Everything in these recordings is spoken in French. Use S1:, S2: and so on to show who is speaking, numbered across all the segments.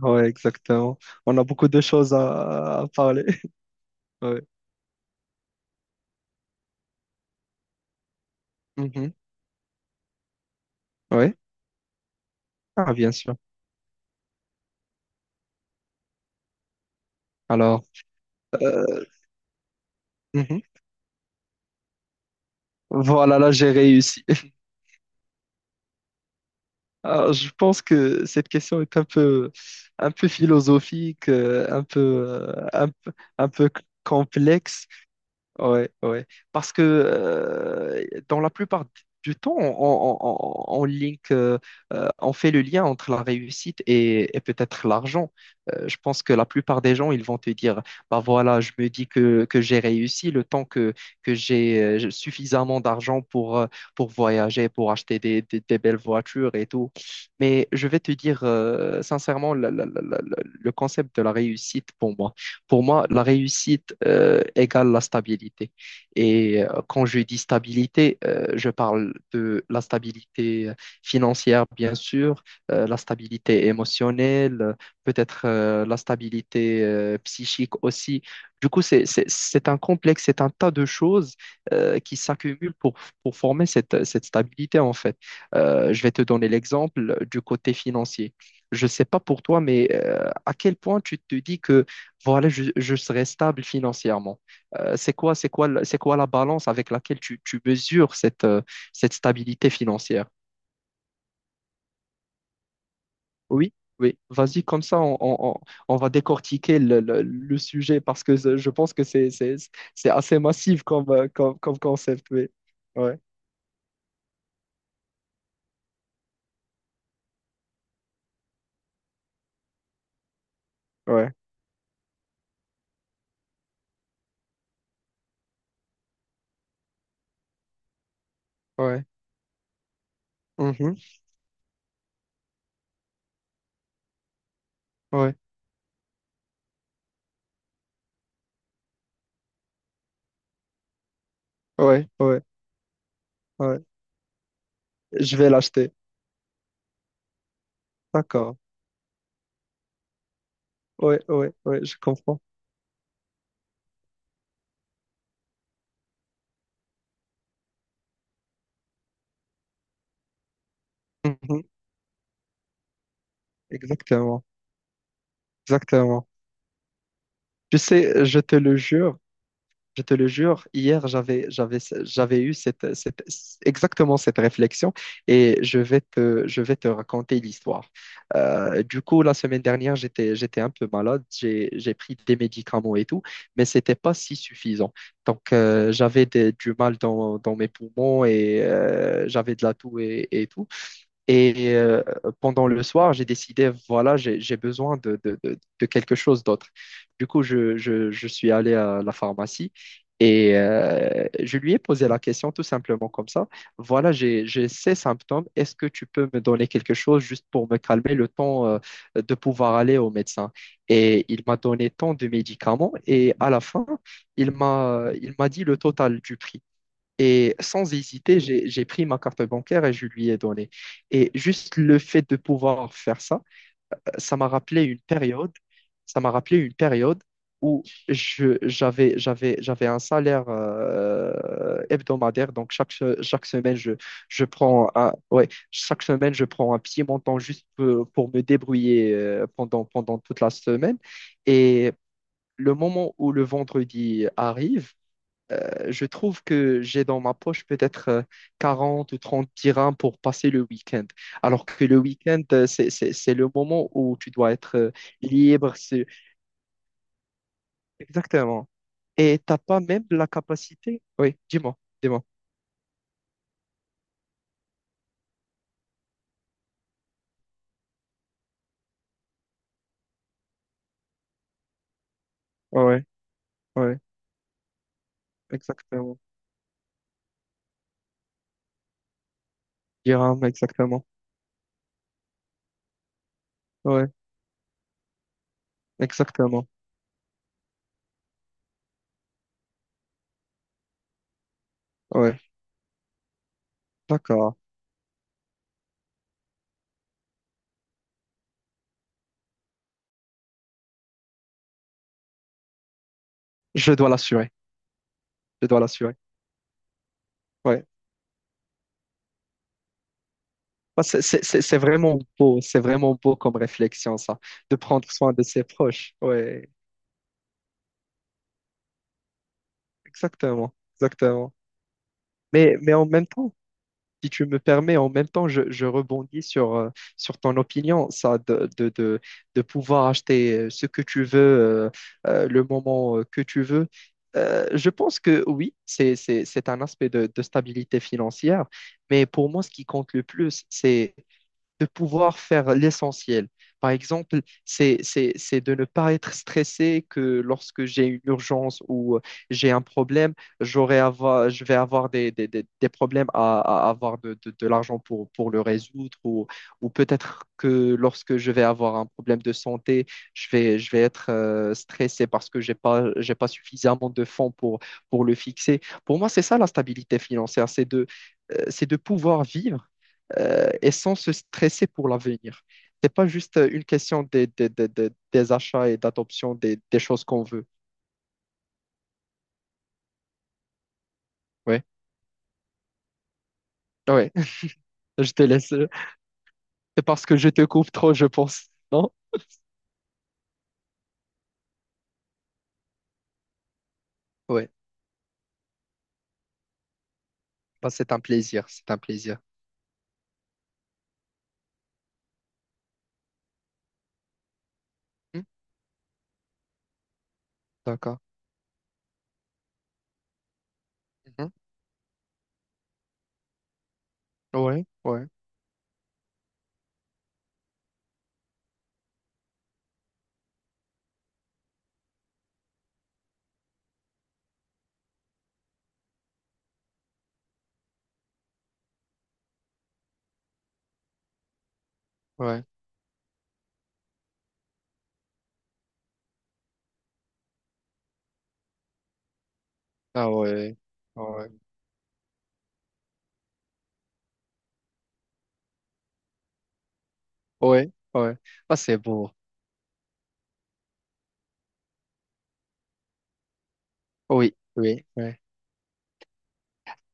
S1: Ouais, exactement. On a beaucoup de choses à parler. Ouais. Mhm. Ouais. Ah, bien sûr. Alors, euh, mhm. Voilà, là, j'ai réussi. Alors, je pense que cette question est un peu philosophique, un peu, un peu complexe. Ouais, ouais. Parce que dans la plupart du temps, on fait le lien entre la réussite et peut-être l'argent. Je pense que la plupart des gens, ils vont te dire, bah voilà, je me dis que j'ai réussi le temps que j'ai suffisamment d'argent pour voyager, pour acheter des belles voitures et tout. Mais je vais te dire sincèrement, le concept de la réussite pour moi. Pour moi, la réussite égale la stabilité. Et quand je dis stabilité, je parle de la stabilité financière, bien sûr, la stabilité émotionnelle, peut-être la stabilité psychique aussi. Du coup, c'est un complexe, c'est un tas de choses qui s'accumulent pour former cette stabilité, en fait. Je vais te donner l'exemple du côté financier. Je ne sais pas pour toi, mais à quel point tu te dis que voilà, je serai stable financièrement. C'est quoi la balance avec laquelle tu mesures cette stabilité financière? Oui, oui. Vas-y, comme ça, on va décortiquer le sujet parce que je pense que c'est assez massif comme concept. Oui. Ouais, ouais, ouais. Mhm. Ouais, ouais, ouais, ouais. Je vais l'acheter. D'accord. Ouais, ouais, ouais, je comprends. Mhm. Exactement, exactement. Tu sais, je te le jure. Je te le jure, hier, j'avais eu exactement cette réflexion et je vais te raconter l'histoire. Du coup, la semaine dernière, j'étais un peu malade, j'ai pris des médicaments et tout, mais c'était pas si suffisant. Donc, j'avais du mal dans mes poumons et j'avais de la toux et tout. Et pendant le soir, j'ai décidé, voilà, j'ai besoin de quelque chose d'autre. Du coup, je suis allé à la pharmacie et je lui ai posé la question tout simplement comme ça. Voilà, j'ai ces symptômes. Est-ce que tu peux me donner quelque chose juste pour me calmer le temps de pouvoir aller au médecin? Et il m'a donné tant de médicaments et à la fin, il m'a dit le total du prix. Et sans hésiter, j'ai pris ma carte bancaire et je lui ai donné. Et juste le fait de pouvoir faire ça, ça m'a rappelé une période, ça m'a rappelé une période où j'avais un salaire hebdomadaire. Donc chaque semaine, ouais, chaque semaine, je prends un petit montant juste pour me débrouiller pendant toute la semaine. Et le moment où le vendredi arrive, je trouve que j'ai dans ma poche peut-être 40 ou 30 dirhams pour passer le week-end. Alors que le week-end, c'est le moment où tu dois être libre. Exactement. Et t'as pas même la capacité. Oui, dis-moi, dis-moi. Ouais, ouais, ouais, exactement. Dirhams, exactement. Ouais, exactement. Ouais, d'accord. Je dois l'assurer. Je dois l'assurer. Ouais. Bah, c'est vraiment beau. C'est vraiment beau comme réflexion, ça, de prendre soin de ses proches. Ouais. Exactement, exactement. Mais en même temps, si tu me permets, en même temps, je rebondis sur ton opinion, ça, de pouvoir acheter ce que tu veux, le moment que tu veux. Je pense que oui, c'est un aspect de stabilité financière, mais pour moi, ce qui compte le plus, c'est de pouvoir faire l'essentiel. Par exemple, c'est de ne pas être stressé que lorsque j'ai une urgence ou j'ai un problème, je vais avoir des problèmes à avoir de l'argent pour le résoudre ou peut-être que lorsque je vais avoir un problème de santé, je vais être stressé parce que j'ai pas suffisamment de fonds pour le fixer. Pour moi, c'est ça la stabilité financière, c'est de pouvoir vivre et sans se stresser pour l'avenir. C'est pas juste une question des achats et d'adoption des choses qu'on veut. Ouais, ouais, je te laisse. C'est parce que je te coupe trop, je pense. Non? Ouais, bah, c'est un plaisir, c'est un plaisir. Hmm, d'accord. Mhm. Ouais, ouais, ouais. Ah ouais, ouais, ouais, ouais. Bah, c'est beau. Oui, oui. Ouais.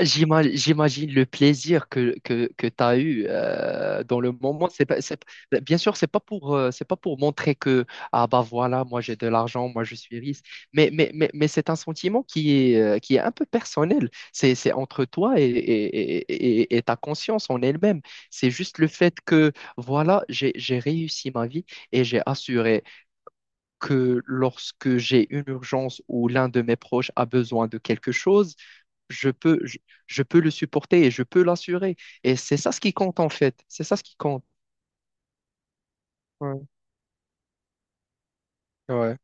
S1: J'ima- J'imagine le plaisir que tu as eu dans le moment. C'est pas- bien sûr, c'est pas pour montrer que, ah bah voilà, moi j'ai de l'argent, moi je suis riche. Mais c'est un sentiment qui est un peu personnel. C'est entre toi et ta conscience en elle-même. C'est juste le fait que, voilà, j'ai réussi ma vie et j'ai assuré que lorsque j'ai une urgence ou l'un de mes proches a besoin de quelque chose, je peux, je, je peux le supporter et je peux l'assurer. Et c'est ça ce qui compte en fait. C'est ça ce qui compte. Ouais, ouais.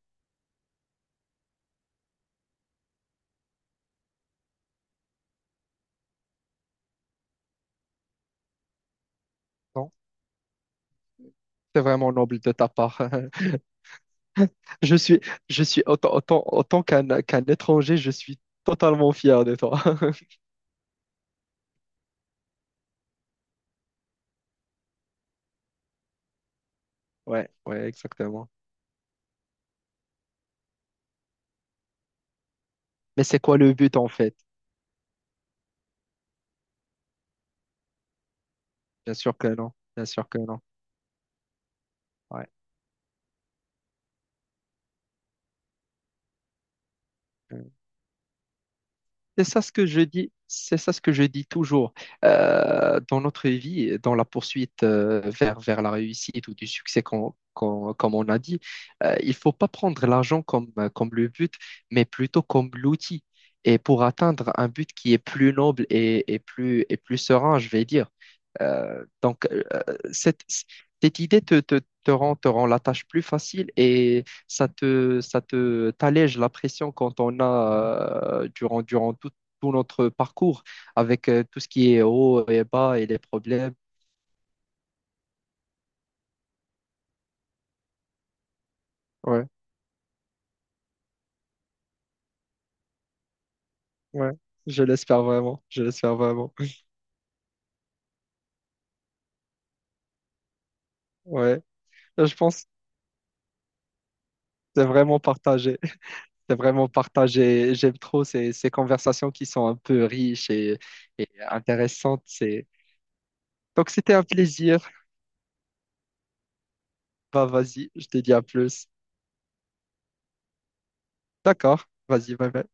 S1: Non, c'est vraiment noble de ta part. Je suis, je suis autant qu'un étranger, je suis totalement fier de toi. Ouais, ouais, exactement. Mais c'est quoi le but en fait? Bien sûr que non. Bien sûr que non. Ouais. Ouais. C'est ça ce que je dis, c'est ça ce que je dis toujours. Dans notre vie, dans la poursuite vers la réussite ou du succès, comme on a dit, il ne faut pas prendre l'argent comme le but, mais plutôt comme l'outil. Et pour atteindre un but qui est plus noble et plus serein, je vais dire. Donc, cette, cette idée te rend la tâche plus facile et t'allège la pression quand on a, durant tout notre parcours, avec tout ce qui est haut et bas et les problèmes. Ouais, ouais, je l'espère vraiment, je l'espère vraiment. Ouais, je pense que c'est vraiment partagé, c'est vraiment partagé. J'aime trop ces conversations qui sont un peu riches et intéressantes. C'est... Donc, c'était un plaisir. Bah, vas-y, je te dis à plus. D'accord, vas-y, bye bye.